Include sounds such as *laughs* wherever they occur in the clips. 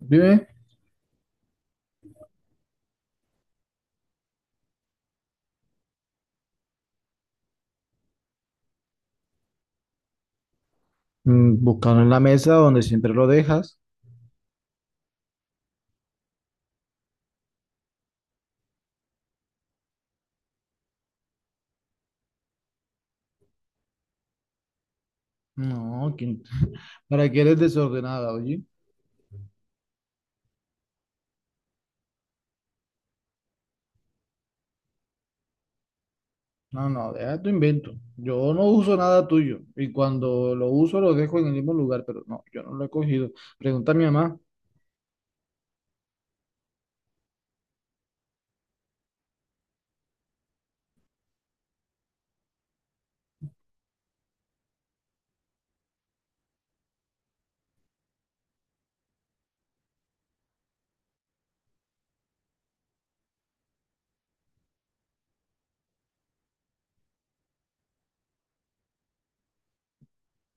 Vive, buscando en la mesa donde siempre lo dejas. No, ¿quién- *laughs* ¿para qué eres desordenada, oye? No, no, deja tu invento. Yo no uso nada tuyo y cuando lo uso lo dejo en el mismo lugar, pero no, yo no lo he cogido. Pregunta a mi mamá,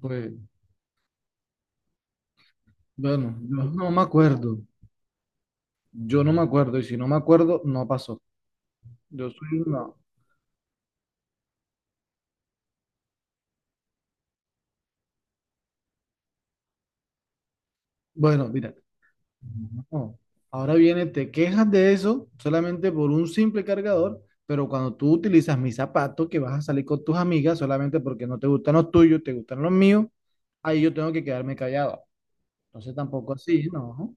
pues bueno, yo no me acuerdo. Yo no me acuerdo y si no me acuerdo, no pasó. Yo soy una... Bueno, mira. No. Ahora viene, te quejas de eso solamente por un simple cargador, pero cuando tú utilizas mi zapato, que vas a salir con tus amigas solamente porque no te gustan los tuyos, te gustan los míos, ahí yo tengo que quedarme callado. Entonces tampoco así, ¿no?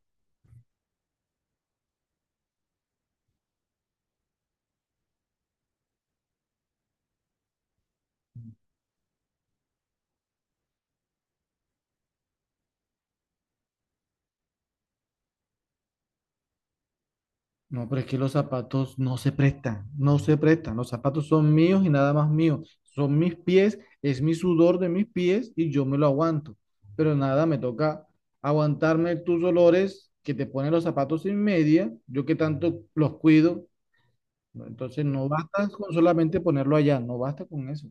No, pero es que los zapatos no se prestan, no se prestan. Los zapatos son míos y nada más míos. Son mis pies, es mi sudor de mis pies y yo me lo aguanto. Pero nada, me toca aguantarme tus olores que te ponen los zapatos sin media, yo que tanto los cuido. ¿No? Entonces no basta con solamente ponerlo allá, no basta con eso.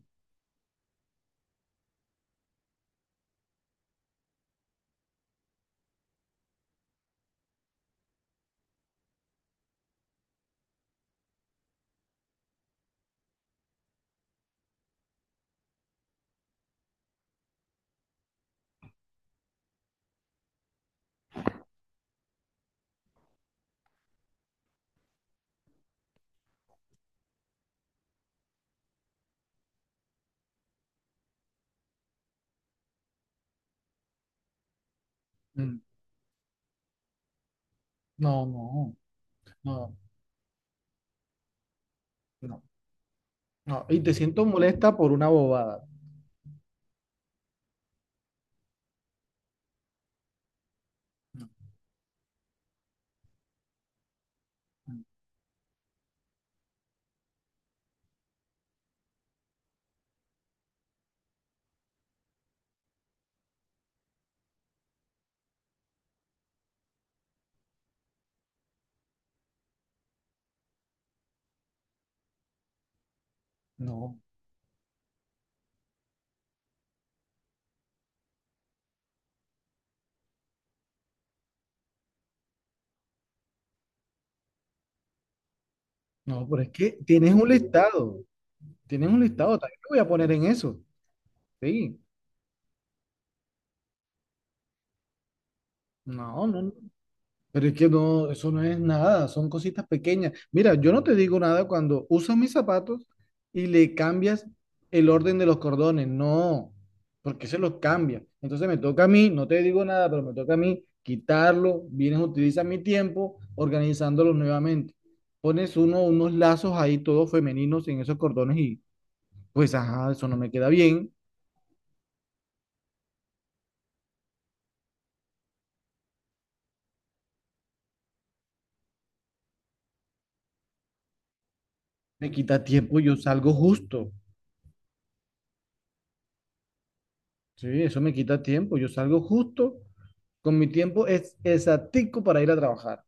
Mm. No, no, no, no, no. Y te siento molesta por una bobada. No, no, no, pero es que tienes un listado. Tienen un listado, también me voy a poner en eso. Sí, no, no, no, pero es que no, eso no es nada, son cositas pequeñas. Mira, yo no te digo nada cuando usas mis zapatos y le cambias el orden de los cordones, no, porque se los cambia. Entonces me toca a mí, no te digo nada, pero me toca a mí quitarlo, vienes, utilizas mi tiempo organizándolos nuevamente. Pones uno, unos lazos ahí todos femeninos en esos cordones y pues, ajá, eso no me queda bien, me quita tiempo y yo salgo justo. Sí, eso me quita tiempo. Yo salgo justo con mi tiempo es exactico para ir a trabajar.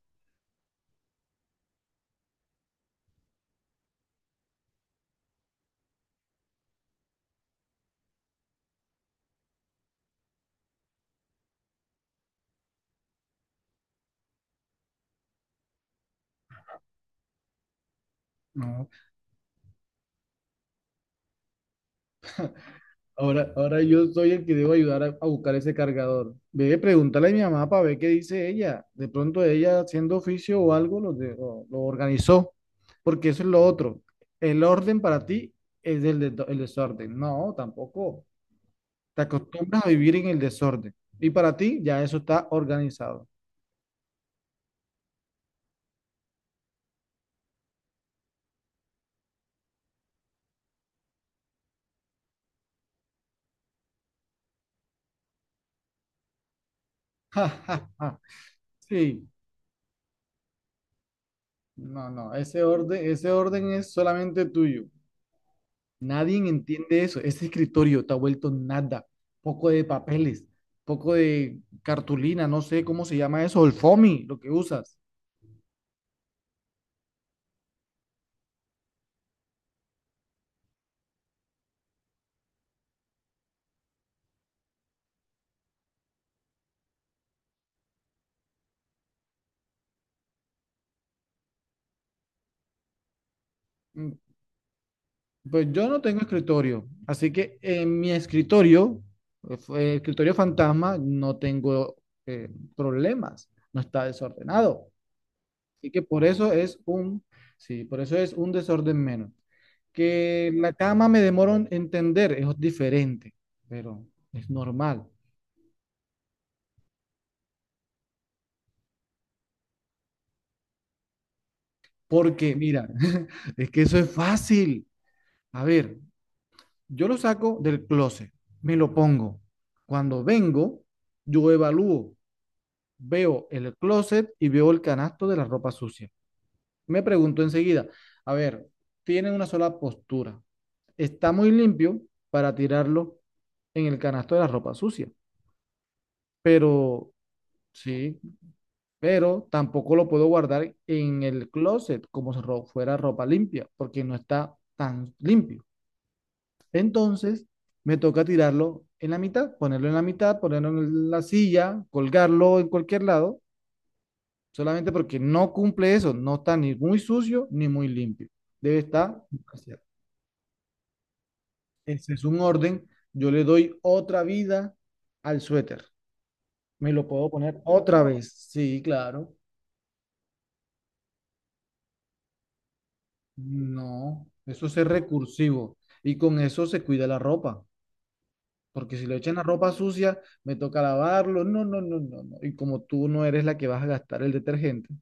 No. Ahora, ahora yo soy el que debo ayudar a buscar ese cargador. Ve, pregúntale a mi mamá para ver qué dice ella. De pronto ella haciendo oficio o algo lo, lo organizó. Porque eso es lo otro. El orden para ti es el, el desorden. No, tampoco. Te acostumbras a vivir en el desorden. Y para ti ya eso está organizado. *laughs* Ja, ja, ja. Sí, no, no, ese orden es solamente tuyo. Nadie entiende eso. Ese escritorio está vuelto nada. Poco de papeles, poco de cartulina, no sé cómo se llama eso, el foamy, lo que usas. Mm. Pues yo no tengo escritorio, así que en mi escritorio, escritorio fantasma, no tengo eh, problemas, no está desordenado. Así que por eso es un, sí, por eso es un desorden menos. Que la cama me demoro en entender, es diferente, pero es normal. Porque, mira, *laughs* es que eso es fácil. A ver, yo lo saco del closet, me lo pongo. Cuando vengo, yo evalúo, veo el closet y veo el canasto de la ropa sucia. Me pregunto enseguida, a ver, tiene una sola postura. Está muy limpio para tirarlo en el canasto de la ropa sucia. Pero sí, pero tampoco lo puedo guardar en el closet como si fuera ropa limpia, porque no está tan limpio. Entonces, me toca tirarlo en la mitad, ponerlo en la mitad, ponerlo en la silla, colgarlo en cualquier lado, solamente porque no cumple eso, no está ni muy sucio ni muy limpio. Debe estar balanceado. Ese es un orden. Yo le doy otra vida al suéter. Me lo puedo poner otra vez. Sí, claro. No, eso es ser recursivo y con eso se cuida la ropa, porque si lo echan la ropa sucia, me toca lavarlo, no, no, no, no, no. Y como tú no eres la que vas a gastar el detergente,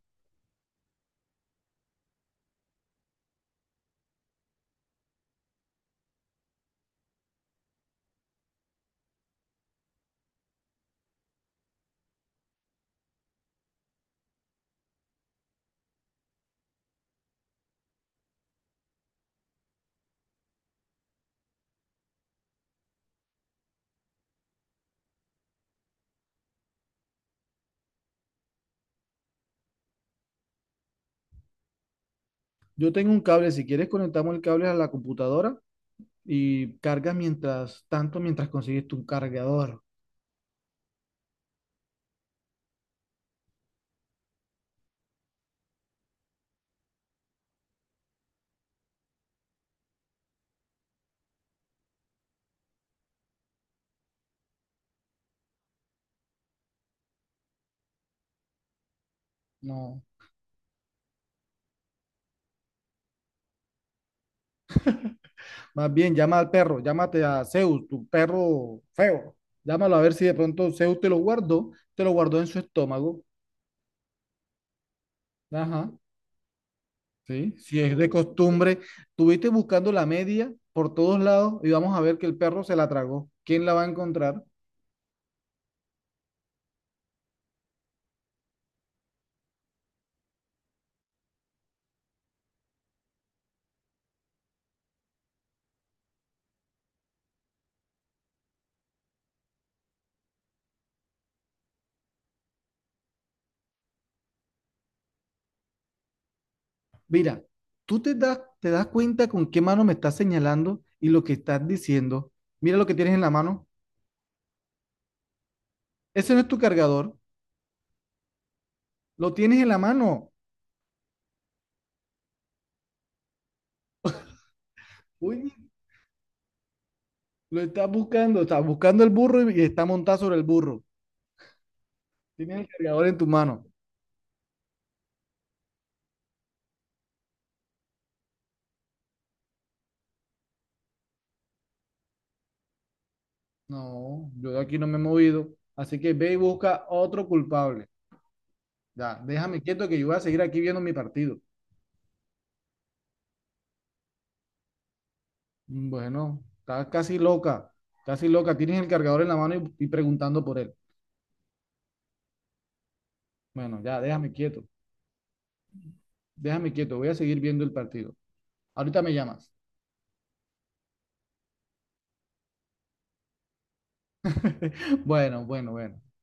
yo tengo un cable, si quieres conectamos el cable a la computadora y cargas mientras tanto, mientras consigues tu cargador. No, más bien llama al perro, llámate a Zeus, tu perro feo. Llámalo a ver si de pronto Zeus te lo guardó en su estómago. Ajá. Sí, si es de costumbre, estuviste buscando la media por todos lados y vamos a ver que el perro se la tragó. ¿Quién la va a encontrar? Mira, tú te das cuenta con qué mano me estás señalando y lo que estás diciendo. Mira lo que tienes en la mano. Ese no es tu cargador. Lo tienes en la mano. Uy, lo estás buscando. Estás buscando el burro y está montado sobre el burro. Tienes el cargador en tu mano. No, yo de aquí no me he movido. Así que ve y busca otro culpable. Ya, déjame quieto que yo voy a seguir aquí viendo mi partido. Bueno, estás casi loca, casi loca. Tienes el cargador en la mano y, preguntando por él. Bueno, ya, déjame quieto, déjame quieto. Voy a seguir viendo el partido. Ahorita me llamas. *laughs* Bueno, bueno, bueno.